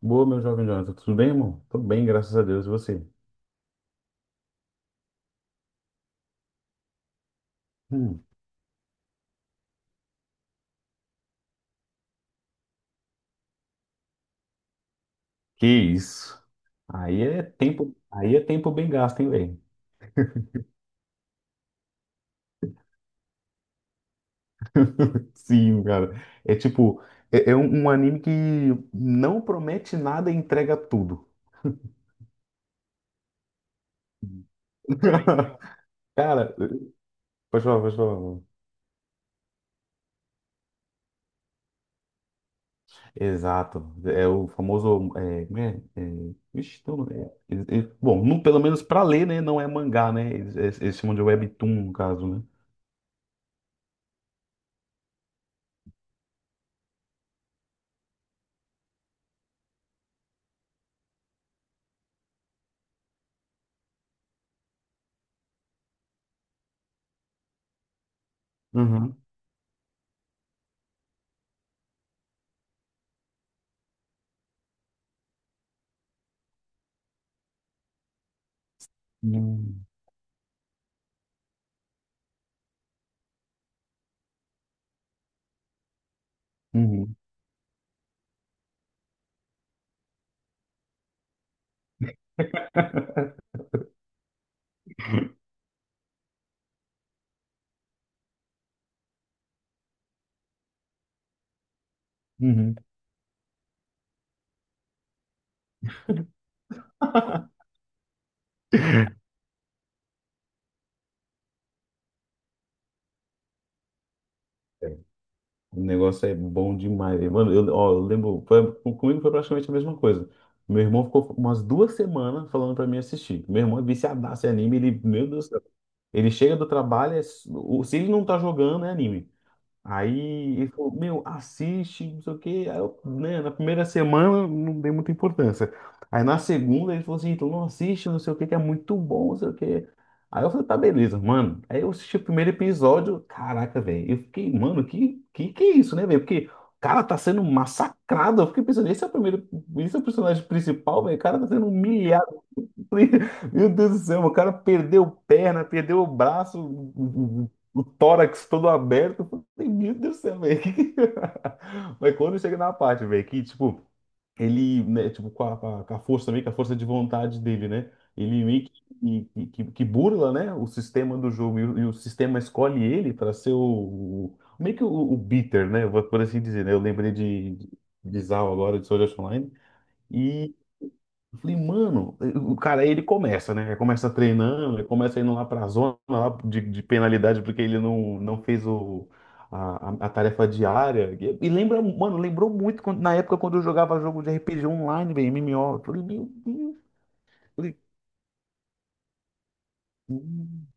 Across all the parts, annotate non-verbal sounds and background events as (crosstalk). Boa, meu jovem Jonathan. Tudo bem, irmão? Tudo bem, graças a Deus. E você? Hum, que isso? Aí é tempo bem gasto, hein, velho? Sim, cara. É tipo, é um anime que não promete nada e entrega tudo. (laughs) Cara, pode falar, pode falar, mano. Exato. É o famoso. É, como é, ixi, tem um nome, bom, pelo menos pra ler, né? Não é mangá, né? Eles chamam de webtoon, no caso, né? Uhum. Hum. Uhum. (laughs) Uhum. O negócio é bom demais, velho. Mano, eu, ó, eu lembro, comigo foi praticamente a mesma coisa. Meu irmão ficou umas 2 semanas falando pra mim assistir. Meu irmão é viciadaço em anime, ele, meu Deus do céu. Ele chega do trabalho, é se ele não tá jogando, é anime. Aí ele falou, meu, assiste, não sei o quê. Aí eu, né, na primeira semana não dei muita importância. Aí na segunda ele falou assim, então não assiste, não sei o quê, que é muito bom, não sei o quê. Aí eu falei, tá, beleza, mano. Aí eu assisti o primeiro episódio, caraca, velho. Eu fiquei, mano, que é isso, né, velho? Porque o cara tá sendo massacrado. Eu fiquei pensando, esse é o primeiro, esse é o personagem principal, velho. O cara tá sendo humilhado. (laughs) Meu Deus do céu, o cara perdeu perna, perdeu o braço, o tórax todo aberto. Eu falei, meu Deus do céu, velho. (laughs) Mas quando chega na parte, velho, que tipo, ele, né, tipo, com a força também, com a força de vontade dele, né? Ele meio que, que burla, né, o sistema do jogo e o sistema escolhe ele para ser meio que o beater, né? Por assim dizer, né? Eu lembrei de Zao agora, de Sword Art Online. Eu falei, mano, o cara, aí ele começa, né? Ele começa treinando, ele começa indo lá pra zona lá de penalidade porque ele não fez a tarefa diária. E lembra, mano, lembrou muito na época quando eu jogava jogo de RPG online, velho, MMO. Eu falei, meu Deus. Eu falei, "Hum,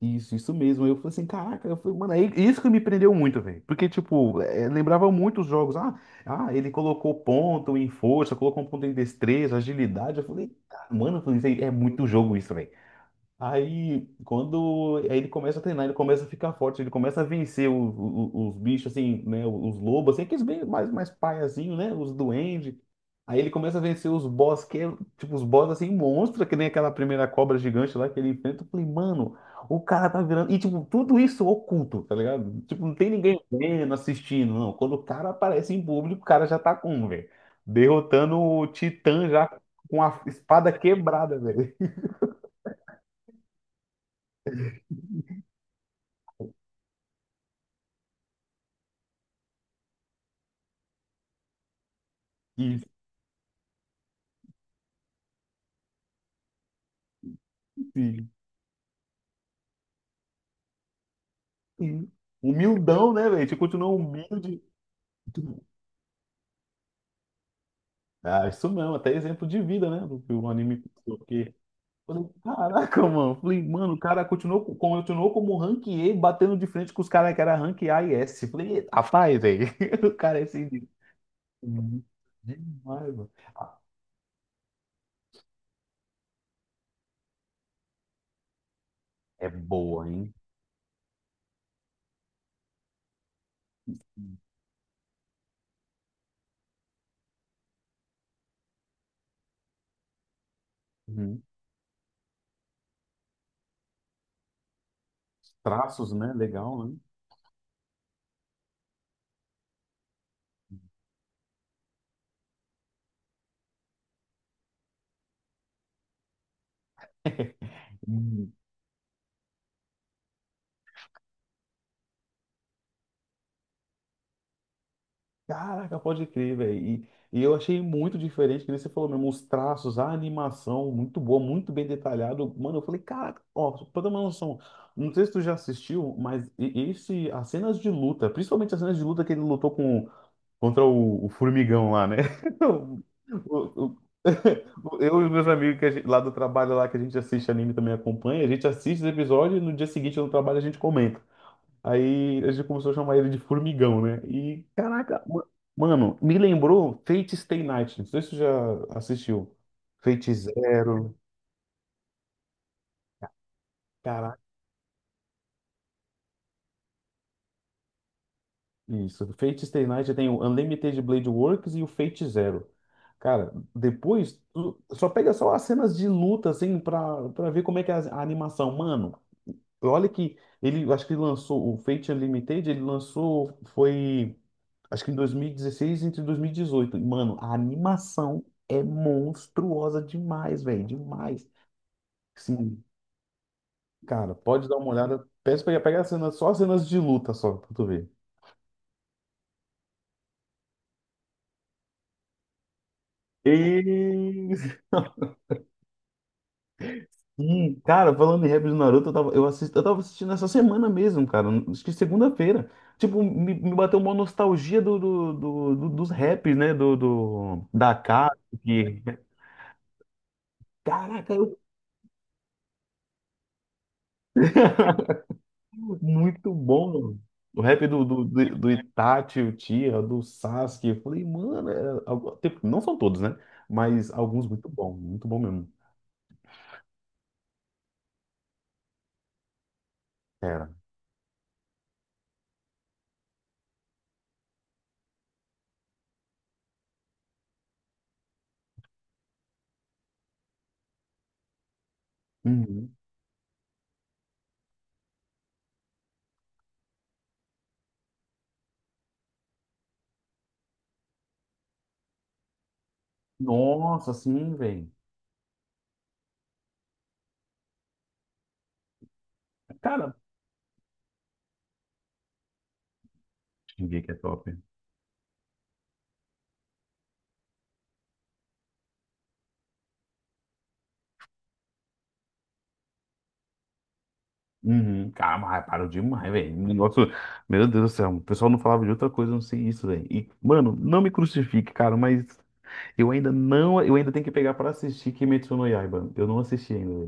isso, isso mesmo. Eu falei assim, caraca, eu falei, mano, aí, isso que me prendeu muito, velho. Porque, tipo, lembrava muito os jogos. Ah, ah, ele colocou ponto em força, colocou um ponto em destreza, agilidade. Eu falei, "Ah, mano, eu falei, isso aí é muito jogo isso, velho. Aí, quando aí ele começa a treinar, ele começa a ficar forte, ele começa a vencer os bichos, assim, né? Os lobos, assim, aqueles bem mais, mais paiazinho, né? Os duendes. Aí ele começa a vencer os boss, que é, tipo, os boss, assim, monstro, que nem aquela primeira cobra gigante lá que ele enfrenta. Eu falei, mano, o cara tá virando. E, tipo, tudo isso oculto, tá ligado? Tipo, não tem ninguém vendo, assistindo, não. Quando o cara aparece em público, o cara já tá com, velho. Derrotando o Titã já com a espada quebrada, velho. (laughs) Isso. Sim. Humildão, né, velho? A gente continua humilde. Ah, isso mesmo, até exemplo de vida, né? Do que o anime passou. Porque, falei, caraca, mano. Falei, mano, o cara continuou, continuou como rank E, batendo de frente com os caras que era rank A e S. Falei, rapaz, velho. (laughs) O cara é assim. Demais, mano. Ah, é boa, hein? Uhum. Traços, né? Legal, né? Uhum. Caraca, pode crer, velho. E eu achei muito diferente, que nem você falou mesmo, os traços, a animação, muito boa, muito bem detalhado. Mano, eu falei, caraca, ó, pra ter uma noção, não sei se tu já assistiu, mas esse, as cenas de luta, principalmente as cenas de luta que ele lutou contra o formigão lá, né? (laughs) O- o- o- (laughs) Eu e os meus amigos que lá do trabalho lá que a gente assiste anime também acompanha, a gente assiste os episódios e no dia seguinte no trabalho a gente comenta. Aí a gente começou a chamar ele de Formigão, né? E, caraca, mano, me lembrou Fate Stay Night. Não sei se você já assistiu. Fate Zero. Caraca, isso. Fate Stay Night tem o Unlimited Blade Works e o Fate Zero. Cara, depois, tu só pega só as cenas de luta, assim, pra, pra ver como é que é a animação. Mano, olha que ele, eu acho que lançou o Fate Unlimited, ele lançou, foi. Acho que em 2016 entre 2018. E, 18. E, Mano, a animação é monstruosa demais, velho. Demais. Sim, cara, pode dar uma olhada. Peço pra pegar as cenas, só as cenas de luta só, pra tu ver. E... (laughs) Sim, cara, falando em rap do Naruto, eu tava, eu assisti, eu tava assistindo essa semana mesmo, cara. Acho que segunda-feira. Tipo, me bateu uma nostalgia dos raps, né? Da Akatsuki. Caraca, eu. Muito bom. O rap do Itachi, o Tia, do Sasuke. Eu falei, mano, não são todos, né? Mas alguns muito bom mesmo. Era. Uhum. Nossa, sim, velho. Cara, Shingeki é top. Uhum. Cara, mas parou demais, velho. Negócio, meu Deus do céu, o pessoal não falava de outra coisa, não sei isso, velho. E, mano, não me crucifique, cara, mas eu ainda não, eu ainda tenho que pegar pra assistir Kimetsu no Yaiba. Eu não assisti ainda.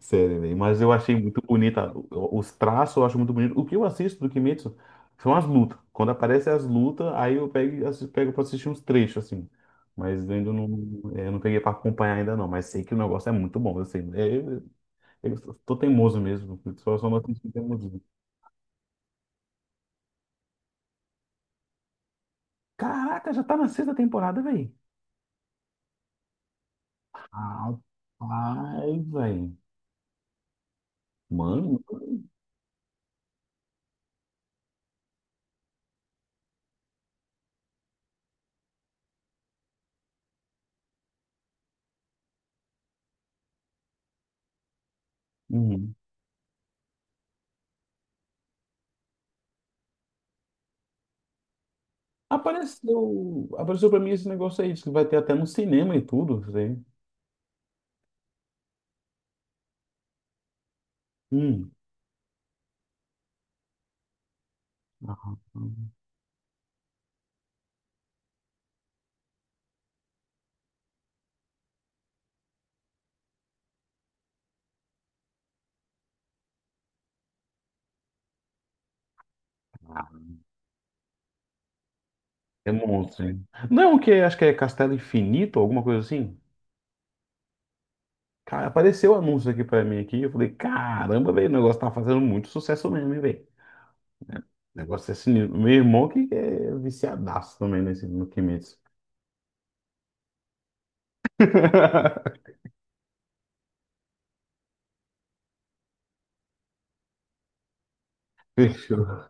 Sério, velho. Mas eu achei muito bonita. Os traços eu acho muito bonito. O que eu assisto do Kimetsu são as lutas. Quando aparecem as lutas, aí eu pego, e pego pra assistir uns trechos, assim. Mas ainda não, eu não peguei pra acompanhar ainda não. Mas sei que o negócio é muito bom. Eu sei. É, eu tô teimoso mesmo. Só não assisti teimosinho. Caraca, já tá na sexta temporada, velho. Rapaz, velho. Mano. Uhum. Apareceu, apareceu pra mim esse negócio aí. Diz que vai ter até no cinema e tudo. Isso aí. Hum. Ah, ah, é monstro, hein? Não, que acho que é Castelo Infinito, alguma coisa assim. Cara, apareceu o anúncio aqui pra mim aqui, eu falei, caramba, velho, o negócio tá fazendo muito sucesso mesmo, hein, velho. O negócio é sinistro. Meu irmão que é viciadaço também nesse no Kimetsu. (laughs) Fechou.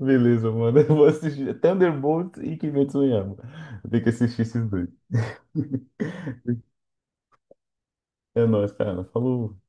Beleza, mano. Eu vou assistir Thunderbolt e Kimetsu no Yaiba. Eu tenho que assistir esses dois. É nóis, cara. Falou.